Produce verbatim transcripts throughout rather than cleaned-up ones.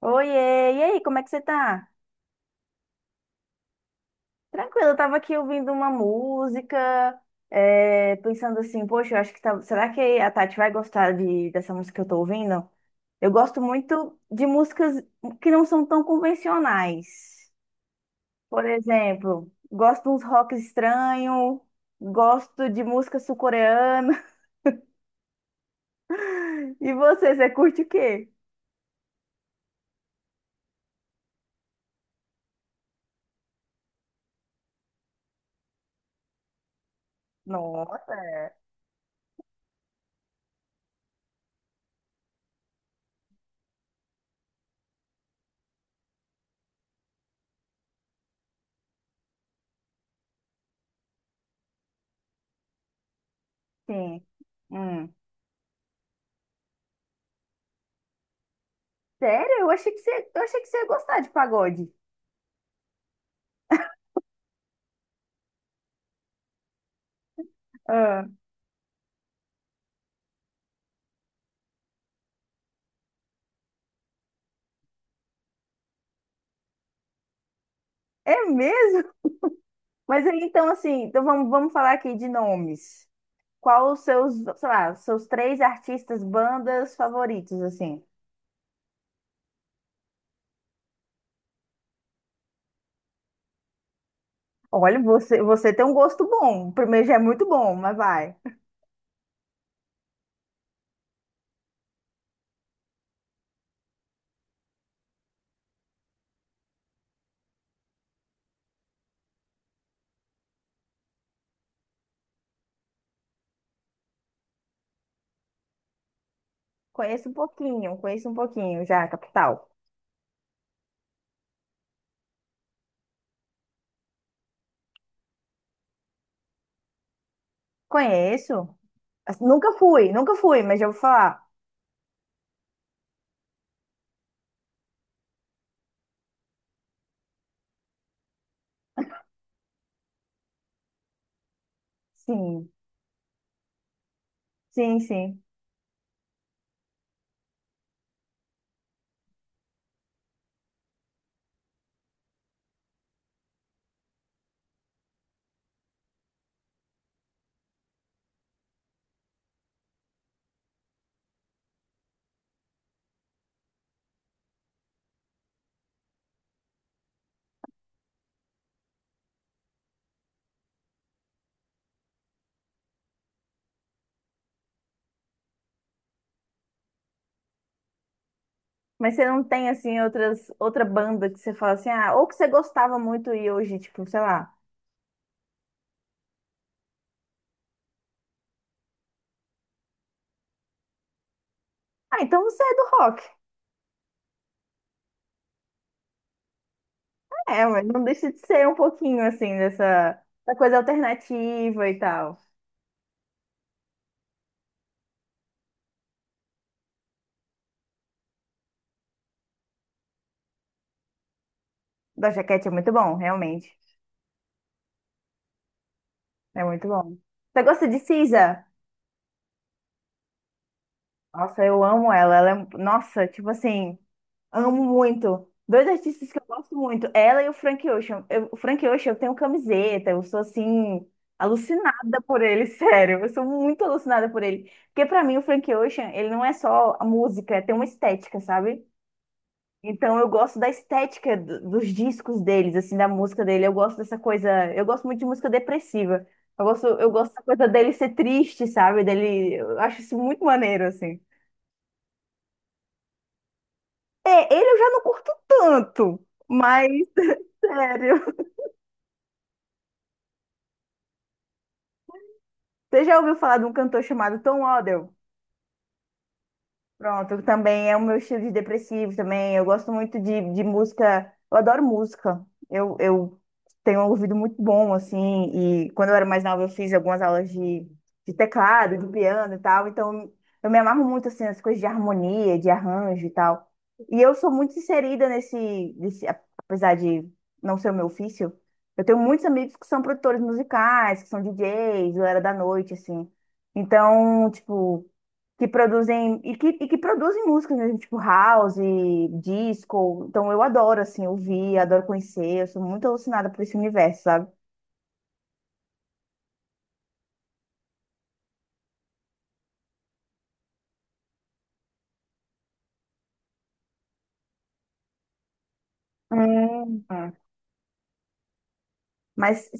Oiê, e aí, como é que você tá? Tranquilo, eu tava aqui ouvindo uma música, é, pensando assim, poxa, eu acho que tá, será que a Tati vai gostar de, dessa música que eu tô ouvindo? Eu gosto muito de músicas que não são tão convencionais. Por exemplo, gosto de uns rock estranho, gosto de música sul-coreana. E você, você curte o quê? Nossa, sim. Hum. Sério? Eu achei que você, eu achei que você ia gostar de pagode. Ah. É mesmo? Mas aí, então, assim, então vamos, vamos falar aqui de nomes. Qual os seus, sei lá, seus três artistas, bandas favoritos, assim? Olha, você, você tem um gosto bom. O primeiro já é muito bom, mas vai. Conheço um pouquinho, conheço um pouquinho já, Capital. Conheço. Assim, nunca fui, nunca fui, mas já vou falar. Sim, sim, sim. Mas você não tem, assim, outras, outra banda que você fala assim, ah, ou que você gostava muito e hoje, tipo, sei lá. Ah, então você é do rock. É, mas não deixa de ser um pouquinho assim dessa, da coisa alternativa e tal. Da jaquete é muito bom, realmente. É muito bom. Você gosta de Cisa? Nossa, eu amo ela. Ela é, um, nossa, tipo assim, amo muito. Dois artistas que eu gosto muito, ela e o Frank Ocean. Eu- o Frank Ocean, eu tenho camiseta, eu sou assim alucinada por ele, sério. Eu sou muito alucinada por ele, porque pra mim o Frank Ocean, ele não é só a música, tem uma estética, sabe? Então eu gosto da estética do- dos discos deles, assim, da música dele. Eu gosto dessa coisa, eu gosto muito de música depressiva. Eu gosto, eu gosto da coisa dele ser triste, sabe? Dele, eu acho isso muito maneiro, assim. É, ele eu já não curto tanto, mas sério. Você já ouviu falar de um cantor chamado Tom Odell? Pronto, também é o meu estilo de depressivo também. Eu gosto muito de, de música, eu adoro música. Eu, eu tenho um ouvido muito bom, assim, e quando eu era mais nova eu fiz algumas aulas de, de teclado, de piano e tal, então eu me amarro muito, assim, nas coisas de harmonia, de arranjo e tal. E eu sou muito inserida nesse, nesse, apesar de não ser o meu ofício, eu tenho muitos amigos que são produtores musicais, que são D Js, galera da noite, assim. Então, tipo, que produzem e que, e que produzem músicas mesmo, tipo house, disco. Então eu adoro assim ouvir, adoro conhecer, eu sou muito alucinada por esse universo, sabe? Hum, tá. Mas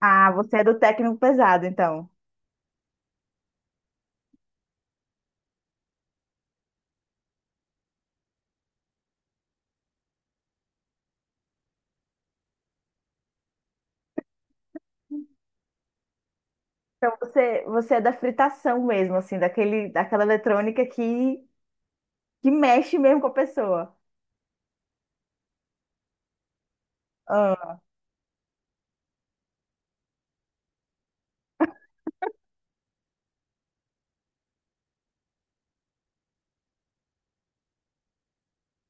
ah, você é do técnico pesado, então. Então você você é da fritação mesmo, assim, daquele daquela eletrônica que que mexe mesmo com a pessoa.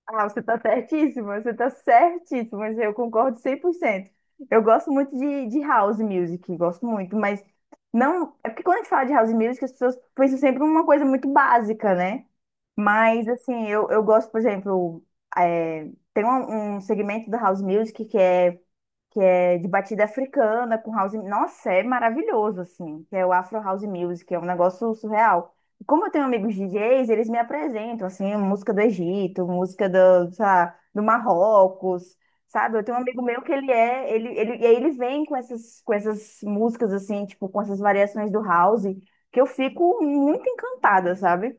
Ah, você está certíssima, você tá certíssima, mas eu concordo cem por cento. Eu gosto muito de, de house music, gosto muito, mas não, é porque quando a gente fala de house music, as pessoas pensam sempre uma coisa muito básica, né? Mas, assim, eu, eu gosto, por exemplo, é, tem um, um segmento da house music que é que é de batida africana, com house. Nossa, é maravilhoso, assim, que é o Afro House Music, é um negócio surreal. E como eu tenho amigos D Js, eles me apresentam, assim, música do Egito, música do, sei lá, do Marrocos, sabe? Eu tenho um amigo meu que ele é, ele, ele, e aí ele vem com essas, com essas músicas, assim, tipo, com essas variações do house, que eu fico muito encantada, sabe?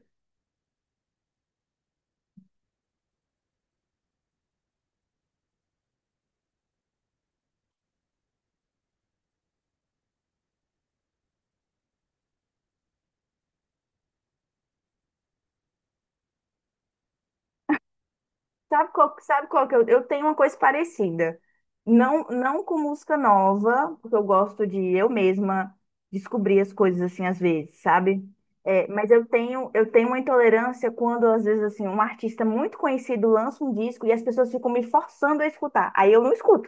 Sabe qual, sabe qual que eu, eu tenho uma coisa parecida. Não, não com música nova, porque eu gosto de eu mesma descobrir as coisas assim às vezes, sabe? É, mas eu tenho, eu tenho uma intolerância quando, às vezes, assim, um artista muito conhecido lança um disco e as pessoas ficam me forçando a escutar. Aí eu não escuto.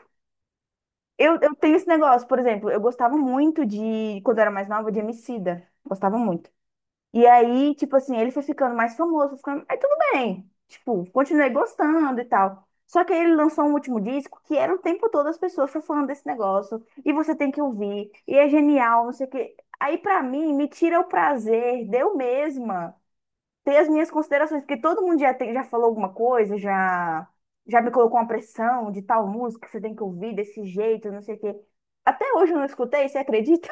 Eu, eu tenho esse negócio, por exemplo, eu gostava muito de, quando eu era mais nova, de Emicida. Gostava muito. E aí, tipo assim, ele foi ficando mais famoso, foi ficando, aí tudo bem. Tipo, continuei gostando e tal. Só que aí ele lançou um último disco que era o tempo todo as pessoas só falando desse negócio. E você tem que ouvir. E é genial, não sei o quê. Aí, pra mim, me tira o prazer de eu mesma ter as minhas considerações. Porque todo mundo já, tem, já falou alguma coisa, já, já me colocou uma pressão de tal música que você tem que ouvir desse jeito, não sei o quê. Até hoje eu não escutei, você acredita?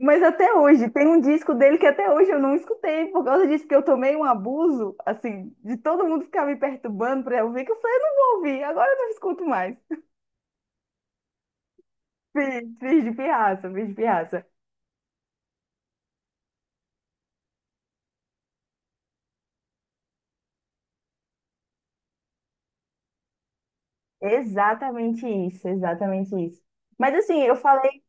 Mas até hoje, tem um disco dele que até hoje eu não escutei por causa disso, porque eu tomei um abuso, assim, de todo mundo ficar me perturbando pra eu ouvir, que eu falei, eu não vou ouvir, agora eu não escuto mais. Fiz, fiz de pirraça, fiz de pirraça. Exatamente isso, exatamente isso. Mas assim, eu falei,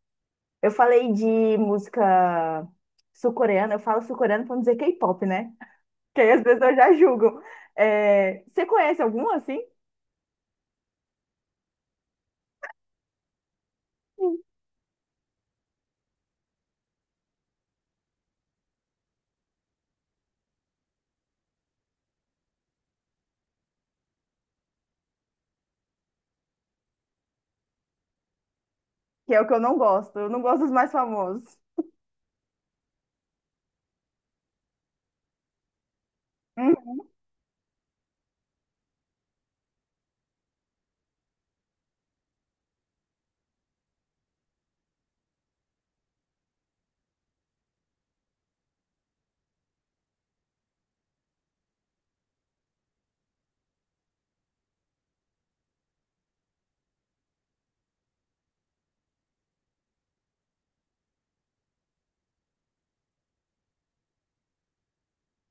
eu falei de música sul-coreana, eu falo sul-coreana pra não dizer K-pop, né? Que aí as pessoas já julgam. É, você conhece algum assim? Que é o que eu não gosto, eu não gosto dos mais famosos. Hum,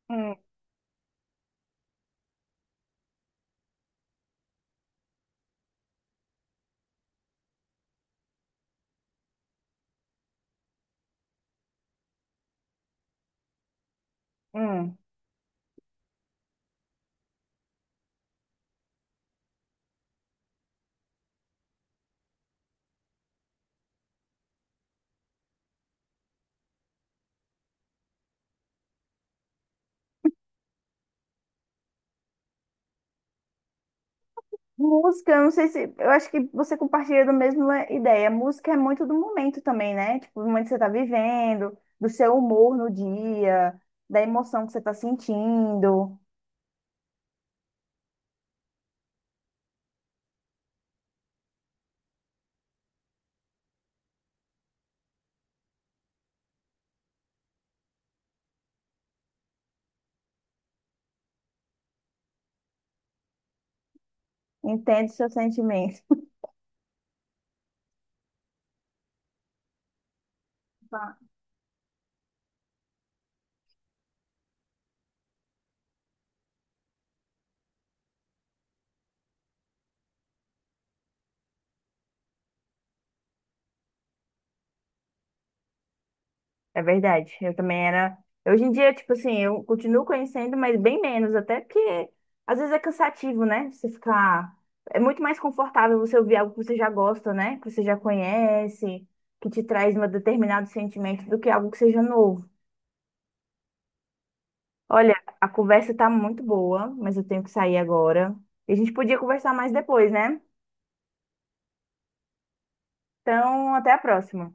hum, hum. Música, eu não sei se. Eu acho que você compartilha da mesma ideia. Música é muito do momento também, né? Tipo, do momento que você tá vivendo, do seu humor no dia, da emoção que você tá sentindo. Entende o seu sentimento. Tá. É verdade. Eu também era. Hoje em dia, tipo assim, eu continuo conhecendo, mas bem menos, até porque às vezes é cansativo, né? Você ficar. É muito mais confortável você ouvir algo que você já gosta, né? Que você já conhece, que te traz um determinado sentimento do que algo que seja novo. Olha, a conversa tá muito boa, mas eu tenho que sair agora. E a gente podia conversar mais depois, né? Então, até a próxima.